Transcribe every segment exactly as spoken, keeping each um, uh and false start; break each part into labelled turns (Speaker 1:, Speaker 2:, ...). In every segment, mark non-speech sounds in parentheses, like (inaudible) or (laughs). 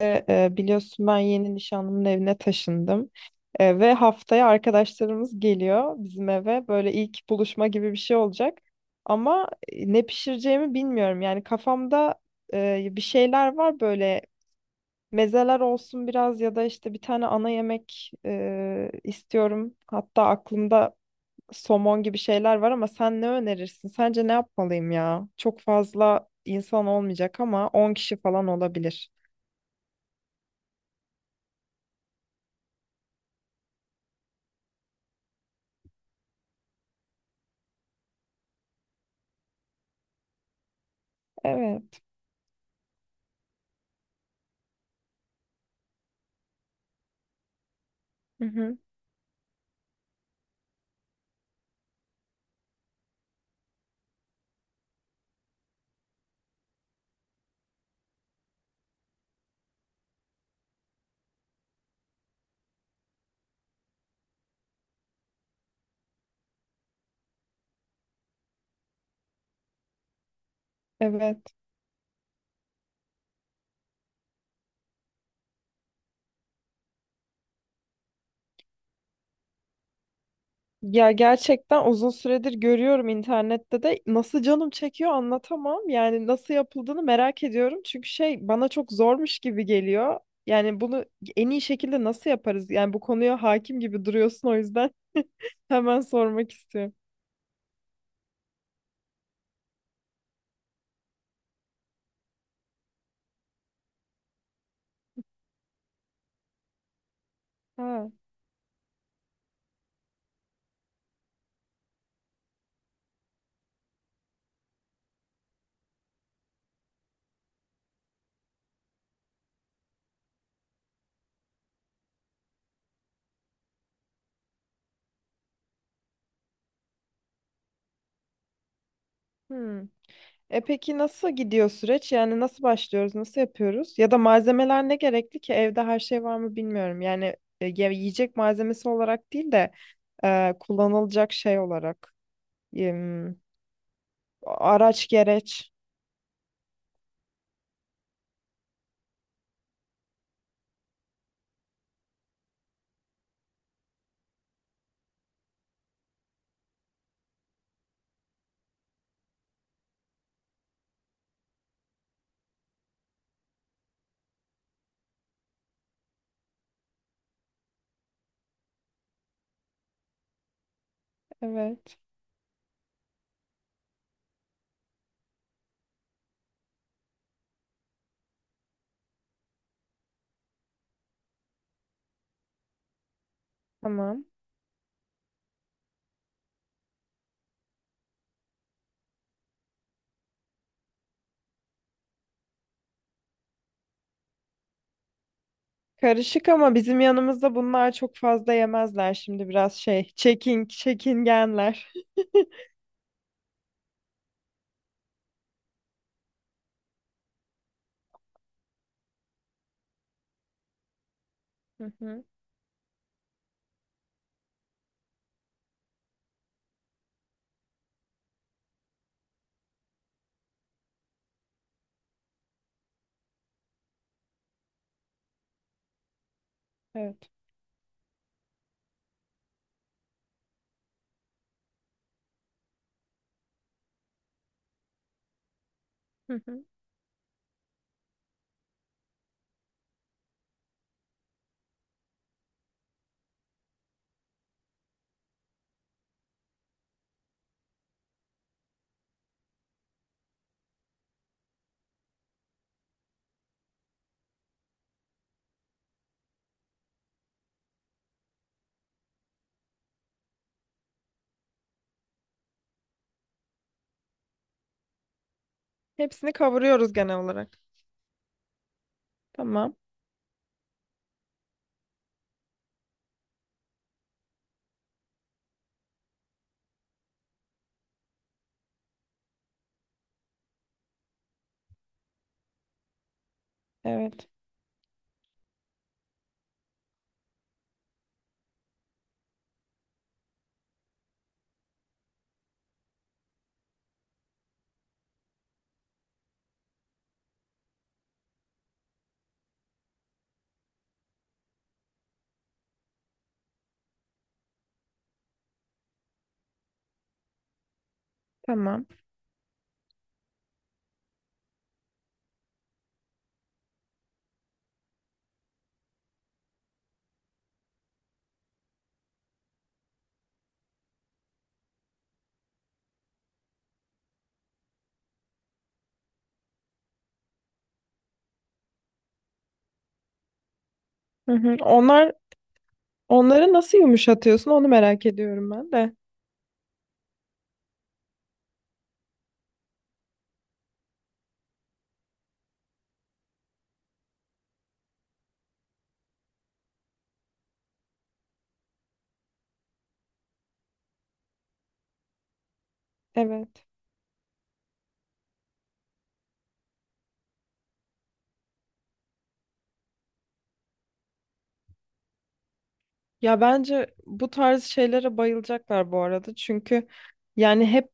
Speaker 1: E, e, biliyorsun ben yeni nişanlımın evine taşındım. E, ve haftaya arkadaşlarımız geliyor bizim eve. Böyle ilk buluşma gibi bir şey olacak. Ama e, ne pişireceğimi bilmiyorum. Yani kafamda e, bir şeyler var böyle mezeler olsun biraz ya da işte bir tane ana yemek e, istiyorum. Hatta aklımda somon gibi şeyler var ama sen ne önerirsin? Sence ne yapmalıyım ya? Çok fazla insan olmayacak ama on kişi falan olabilir. Evet. Hı hı. Evet. Ya gerçekten uzun süredir görüyorum internette de nasıl canım çekiyor anlatamam. Yani nasıl yapıldığını merak ediyorum. Çünkü şey bana çok zormuş gibi geliyor. Yani bunu en iyi şekilde nasıl yaparız? Yani bu konuya hakim gibi duruyorsun, o yüzden (laughs) hemen sormak istiyorum. Ha. Hmm. E peki, nasıl gidiyor süreç? Yani nasıl başlıyoruz? Nasıl yapıyoruz? Ya da malzemeler ne gerekli ki? Evde her şey var mı bilmiyorum. Yani e, ye- yiyecek malzemesi olarak değil de e, kullanılacak şey olarak. Em, araç gereç. Evet. Tamam. Karışık ama bizim yanımızda bunlar çok fazla yemezler, şimdi biraz şey. Çekin, çekingenler. Hı hı. Evet. Hı hı. Hepsini kavuruyoruz genel olarak. Tamam. Evet. Tamam. Hı hı. Onlar onları nasıl yumuşatıyorsun onu merak ediyorum ben de. Evet. Ya bence bu tarz şeylere bayılacaklar bu arada. Çünkü yani hep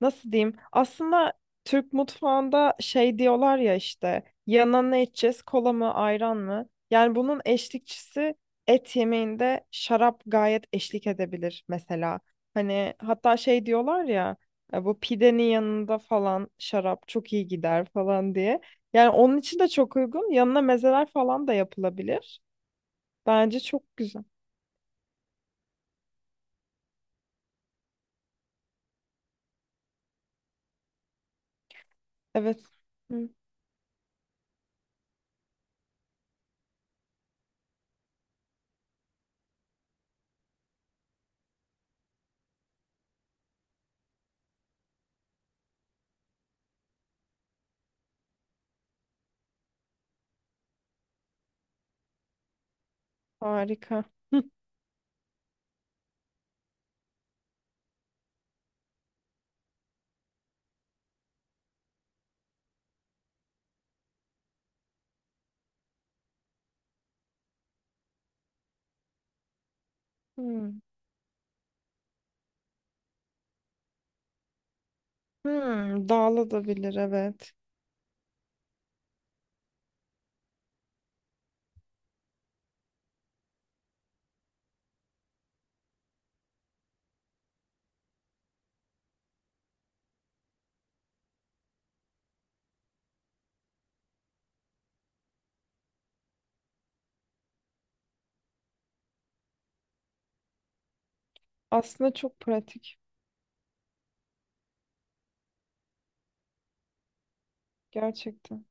Speaker 1: nasıl diyeyim? Aslında Türk mutfağında şey diyorlar ya, işte yanına ne içeceğiz? Kola mı, ayran mı? Yani bunun eşlikçisi et yemeğinde şarap gayet eşlik edebilir mesela. Hani hatta şey diyorlar ya, e, bu pidenin yanında falan şarap çok iyi gider falan diye. Yani onun için de çok uygun. Yanına mezeler falan da yapılabilir. Bence çok güzel. Evet. Hı, harika. Hmm. Hmm, dağılabilir, evet. Aslında çok pratik. Gerçekten.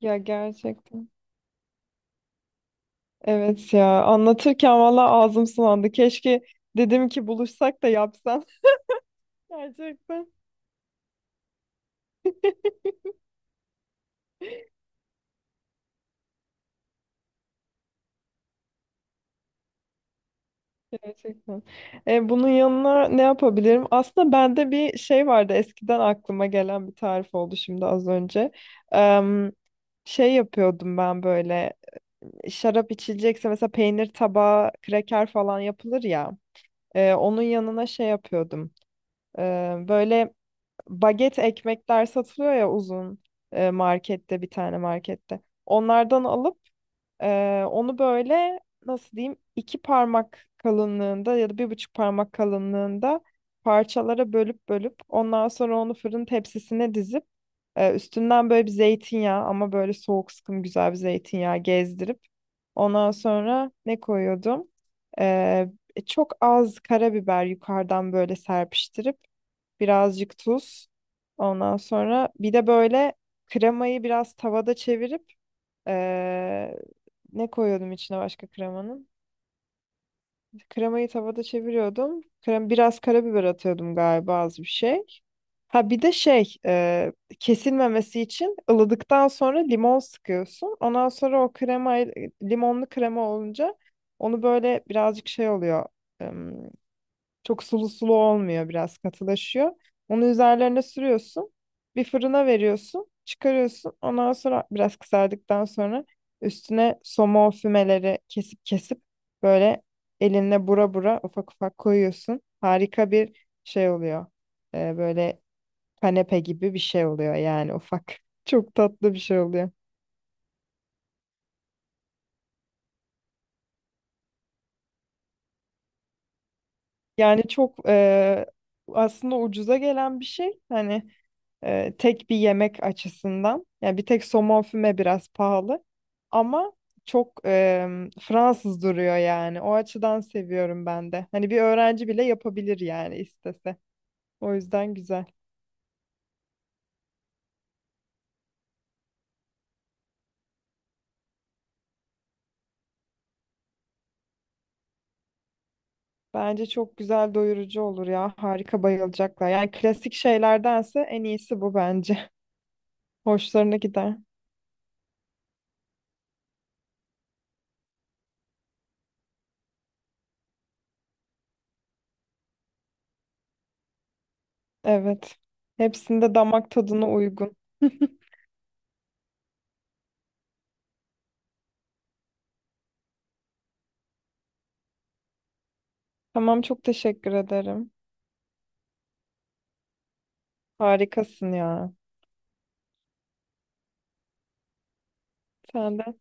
Speaker 1: Ya gerçekten. Evet ya. Anlatırken valla ağzım sulandı. Keşke dedim ki buluşsak da yapsam. (laughs) Gerçekten. Gerçekten. E, bunun yanına ne yapabilirim? Aslında bende bir şey vardı. Eskiden aklıma gelen bir tarif oldu şimdi az önce. Em, şey yapıyordum ben böyle. Şarap içilecekse mesela peynir tabağı, kraker falan yapılır ya. E, onun yanına şey yapıyordum. E, Böyle baget ekmekler satılıyor ya, uzun e, markette bir tane markette. Onlardan alıp e, onu böyle, nasıl diyeyim, iki parmak kalınlığında ya da bir buçuk parmak kalınlığında parçalara bölüp bölüp, ondan sonra onu fırın tepsisine dizip e, üstünden böyle bir zeytinyağı, ama böyle soğuk sıkım güzel bir zeytinyağı gezdirip ondan sonra ne koyuyordum? E, Çok az karabiber yukarıdan böyle serpiştirip birazcık tuz. Ondan sonra bir de böyle kremayı biraz tavada çevirip, eee, ne koyuyordum içine başka, kremanın? Kremayı tavada çeviriyordum. Krem biraz karabiber atıyordum galiba, az bir şey. Ha bir de şey, eee, kesilmemesi için ılıdıktan sonra limon sıkıyorsun. Ondan sonra o krema limonlu krema olunca onu böyle birazcık şey oluyor. Çok sulu sulu olmuyor, biraz katılaşıyor. Onu üzerlerine sürüyorsun. Bir fırına veriyorsun. Çıkarıyorsun. Ondan sonra biraz kızardıktan sonra üstüne somon fümeleri kesip kesip, böyle elinle bura bura ufak ufak koyuyorsun. Harika bir şey oluyor. Ee, böyle kanepe gibi bir şey oluyor yani, ufak. (laughs) Çok tatlı bir şey oluyor. Yani çok e, aslında ucuza gelen bir şey. Hani e, tek bir yemek açısından. Yani bir tek somon füme biraz pahalı ama çok e, Fransız duruyor yani. O açıdan seviyorum ben de. Hani bir öğrenci bile yapabilir yani, istese. O yüzden güzel. Bence çok güzel, doyurucu olur ya. Harika, bayılacaklar. Yani klasik şeylerdense en iyisi bu bence. (laughs) Hoşlarına gider. Evet. Hepsinde damak tadına uygun. (laughs) Tamam, çok teşekkür ederim. Harikasın ya. Sen de.